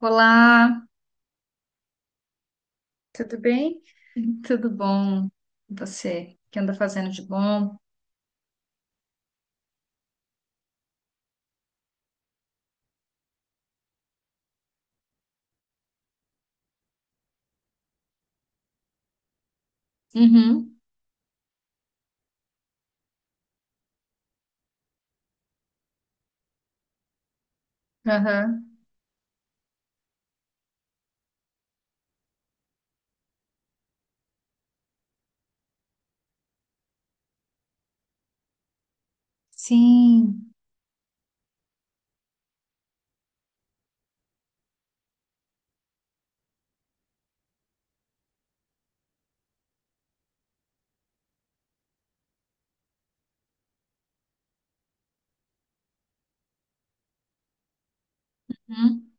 Olá, tudo bem? Uhum. Tudo bom? E você, o que anda fazendo de bom? Uhum, aham, sim, uhum,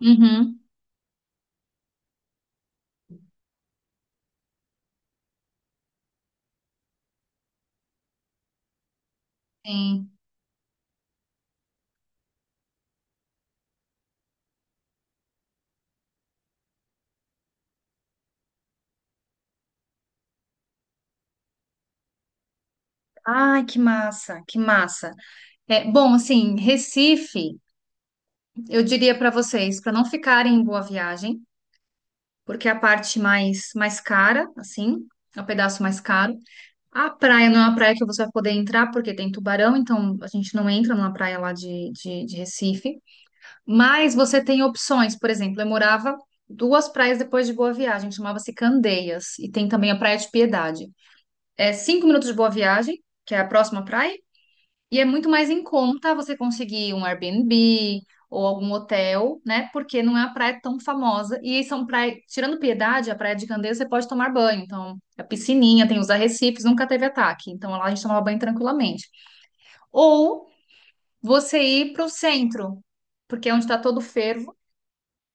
uhum, sim. Ai, que massa, que massa. Bom, Recife, eu diria para vocês, para não ficarem em Boa Viagem, porque é a parte mais cara, assim, é o pedaço mais caro. A praia não é uma praia que você vai poder entrar, porque tem tubarão, então a gente não entra numa praia lá de Recife. Mas você tem opções, por exemplo, eu morava duas praias depois de Boa Viagem, chamava-se Candeias, e tem também a Praia de Piedade. É cinco minutos de Boa Viagem, que é a próxima praia, e é muito mais em conta você conseguir um Airbnb ou algum hotel, né? Porque não é a praia tão famosa. E são praias, tirando Piedade, a Praia de Candeias você pode tomar banho. Então, a piscininha, tem os arrecifes, nunca teve ataque. Então, lá a gente tomava banho tranquilamente. Ou você ir para o centro porque é onde está todo o fervo,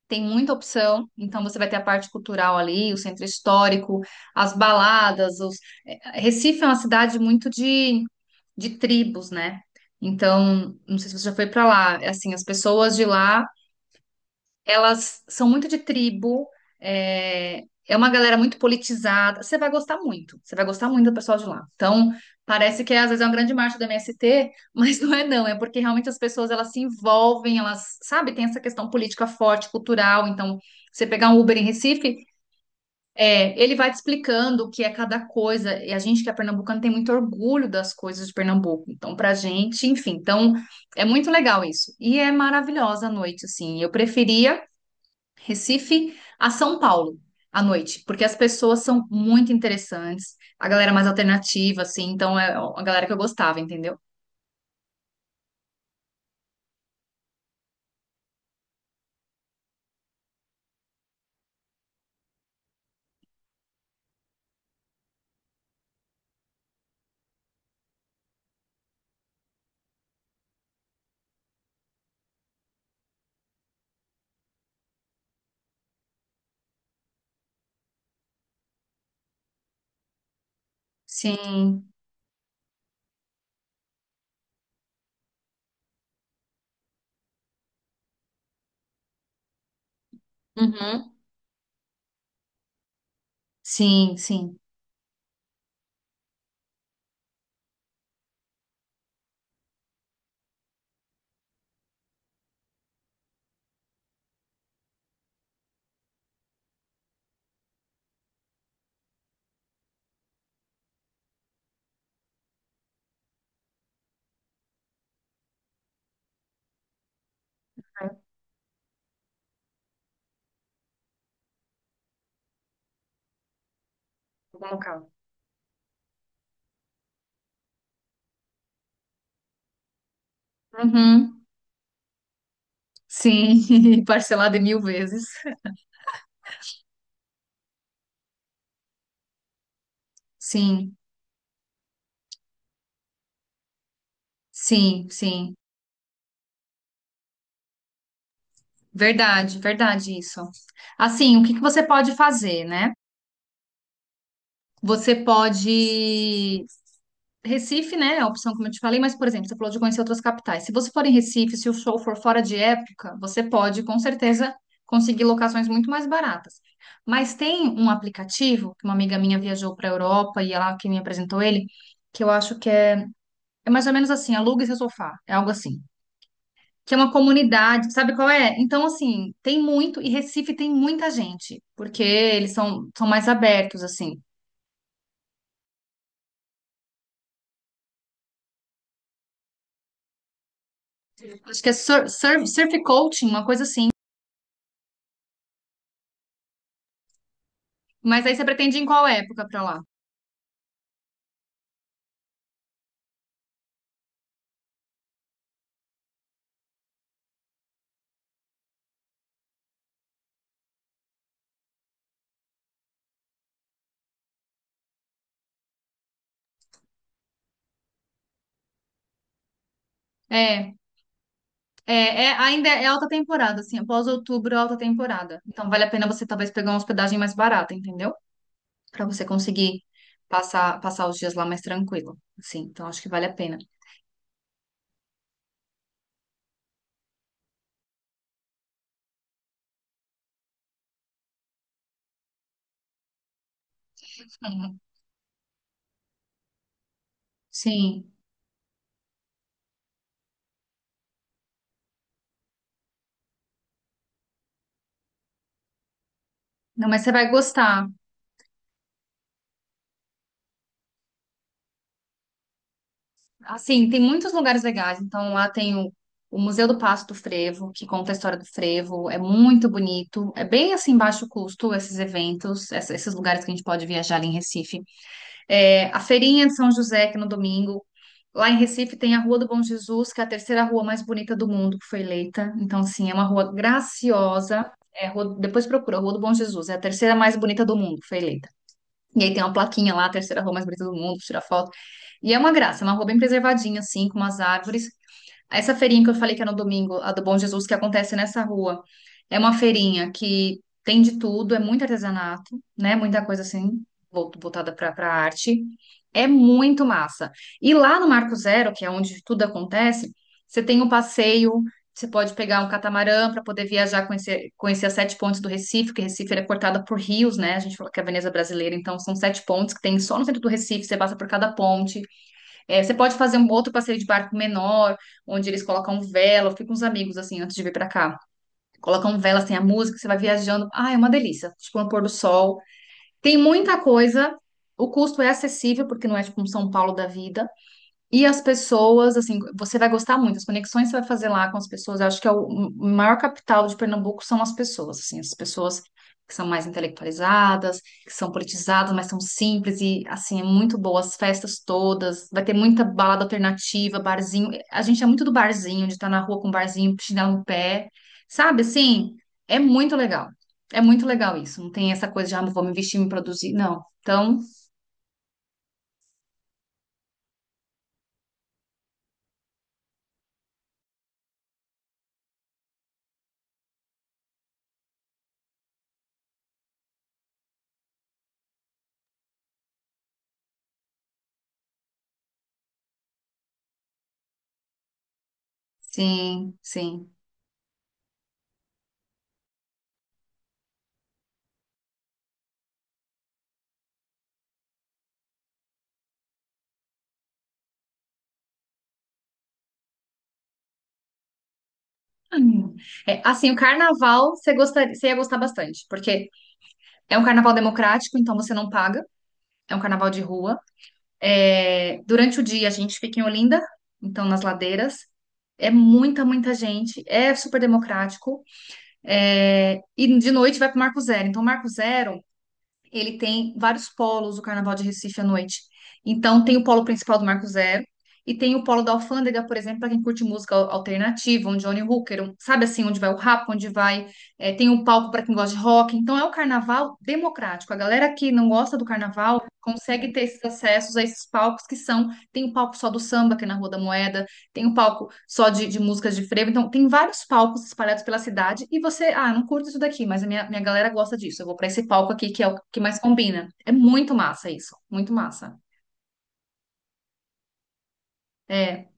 tem muita opção, então você vai ter a parte cultural ali, o centro histórico, as baladas, os... Recife é uma cidade muito de tribos, né? Então, não sei se você já foi para lá, é assim, as pessoas de lá elas são muito de tribo, é uma galera muito politizada. Você vai gostar muito, você vai gostar muito do pessoal de lá. Então, parece que às vezes é uma grande marcha do MST, mas não é não, é porque realmente as pessoas elas se envolvem, elas, sabe, tem essa questão política forte, cultural. Então, você pegar um Uber em Recife, ele vai te explicando o que é cada coisa. E a gente que é pernambucano tem muito orgulho das coisas de Pernambuco. Então, pra gente, enfim, então é muito legal isso. E é maravilhosa a noite, assim. Eu preferia Recife a São Paulo à noite, porque as pessoas são muito interessantes, a galera é mais alternativa, assim, então é a galera que eu gostava, entendeu? Sim, uhum. Sim, sim. Algum local. Uhum. Sim, parcelado em mil vezes. Sim, sim, sim. Verdade, verdade isso. Assim, o que que você pode fazer, né? Você pode Recife, né, é a opção como eu te falei, mas, por exemplo, você falou de conhecer outras capitais. Se você for em Recife, se o show for fora de época, você pode, com certeza, conseguir locações muito mais baratas. Mas tem um aplicativo, que uma amiga minha viajou para a Europa e ela que me apresentou ele, que eu acho é mais ou menos assim, aluga seu sofá, é algo assim. Que é uma comunidade, sabe qual é? Então, assim, tem muito, e Recife tem muita gente, porque eles são mais abertos, assim. Acho que é surf coaching, uma coisa assim. Mas aí você pretende ir em qual época pra lá? É, Ainda é alta temporada, assim, após outubro, é alta temporada. Então vale a pena você talvez pegar uma hospedagem mais barata, entendeu? Pra você conseguir passar os dias lá mais tranquilo, assim. Então acho que vale a pena. Uhum. Sim. Não, mas você vai gostar. Assim, tem muitos lugares legais. Então lá tem o Museu do Passo do Frevo, que conta a história do frevo, é muito bonito. É bem assim baixo custo esses eventos, esses lugares que a gente pode viajar ali em Recife. É, a feirinha de São José, que é no domingo. Lá em Recife tem a Rua do Bom Jesus, que é a terceira rua mais bonita do mundo, que foi eleita. Então, assim, é uma rua graciosa. É, depois procura, Rua do Bom Jesus. É a terceira mais bonita do mundo, que foi eleita. E aí tem uma plaquinha lá, a terceira rua mais bonita do mundo, tira foto. E é uma graça, é uma rua bem preservadinha, assim, com umas árvores. Essa feirinha que eu falei que é no domingo, a do Bom Jesus, que acontece nessa rua, é uma feirinha que tem de tudo, é muito artesanato, né? Muita coisa assim, voltada para arte. É muito massa. E lá no Marco Zero, que é onde tudo acontece, você tem um passeio, você pode pegar um catamarã para poder viajar, conhecer as sete pontes do Recife, que Recife ele é cortada por rios, né? A gente fala que é a Veneza brasileira, então são sete pontes que tem só no centro do Recife, você passa por cada ponte. É, você pode fazer um outro passeio de barco menor, onde eles colocam vela. Eu fui com os amigos, assim, antes de vir pra cá. Colocam velas, tem a música, você vai viajando. Ah, é uma delícia. Tipo, no pôr do sol. Tem muita coisa. O custo é acessível, porque não é tipo um São Paulo da vida. E as pessoas, assim, você vai gostar muito. As conexões que você vai fazer lá com as pessoas, eu acho que é o maior capital de Pernambuco são as pessoas, assim, as pessoas que são mais intelectualizadas, que são politizadas, mas são simples e, assim, é muito boa. As festas todas, vai ter muita balada alternativa, barzinho. A gente é muito do barzinho, de estar na rua com um barzinho, chinelo no pé, sabe? Assim, é muito legal. É muito legal isso. Não tem essa coisa de, ah, vou me vestir, me produzir. Não. Então, sim, sim. Hum. É, assim, o carnaval você gostaria, você ia gostar bastante, porque é um carnaval democrático, então você não paga, é um carnaval de rua. É, durante o dia a gente fica em Olinda, então nas ladeiras. É muita, muita gente, é super democrático. É, e de noite vai para o Marco Zero. Então, o Marco Zero ele tem vários polos, o Carnaval de Recife à noite. Então, tem o polo principal do Marco Zero e tem o polo da Alfândega, por exemplo, para quem curte música alternativa, um Johnny Hooker, um- sabe assim, onde vai o rap, onde vai. É, tem o palco para quem gosta de rock. Então, é o carnaval democrático. A galera que não gosta do carnaval consegue ter esses acessos a esses palcos que são. Tem o palco só do samba, que é na Rua da Moeda, tem um palco só de músicas de frevo. Então, tem vários palcos espalhados pela cidade e você, ah, não curto isso daqui, mas a minha galera gosta disso. Eu vou para esse palco aqui que é o que mais combina. É muito massa isso, muito massa. É,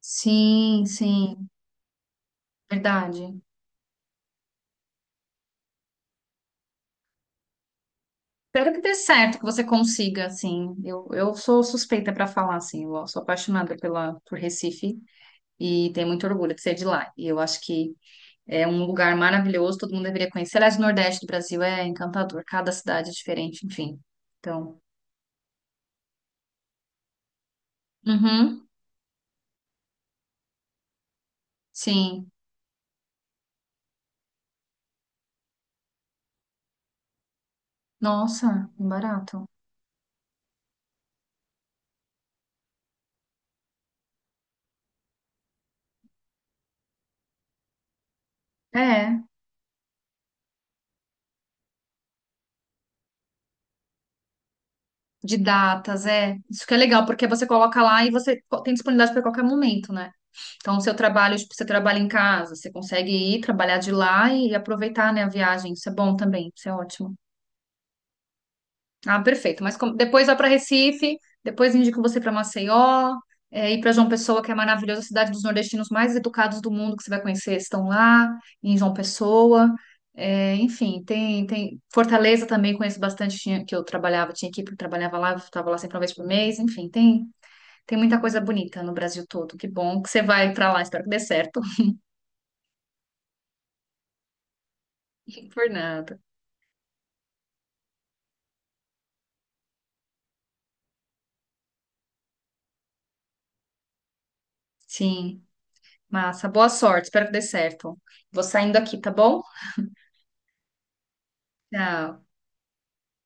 sim, sim, verdade. Espero que dê certo, que você consiga, assim. Eu sou suspeita para falar, assim. Eu sou apaixonada por Recife e tenho muito orgulho de ser de lá. E eu acho que é um lugar maravilhoso, todo mundo deveria conhecer. Aliás, o Nordeste do Brasil é encantador, cada cidade é diferente, enfim. Então, uhum, sim. Nossa, barato. É, de datas, é. Isso que é legal, porque você coloca lá e você tem disponibilidade para qualquer momento, né? Então, o seu trabalho, tipo, você trabalha em casa, você consegue ir trabalhar de lá e aproveitar, né, a viagem. Isso é bom também, isso é ótimo. Ah, perfeito. Mas depois vai para Recife, depois indico você para Maceió, é, e para João Pessoa, que é maravilhosa, a cidade dos nordestinos mais educados do mundo que você vai conhecer, estão lá, em João Pessoa. É, enfim, tem, tem Fortaleza também, conheço bastante, que eu trabalhava, tinha equipe que trabalhava lá, eu estava lá sempre uma vez por mês. Enfim, tem, tem muita coisa bonita no Brasil todo. Que bom que você vai para lá, espero que dê certo. Por nada. Sim, massa. Boa sorte, espero que dê certo. Vou saindo aqui, tá bom? Tchau.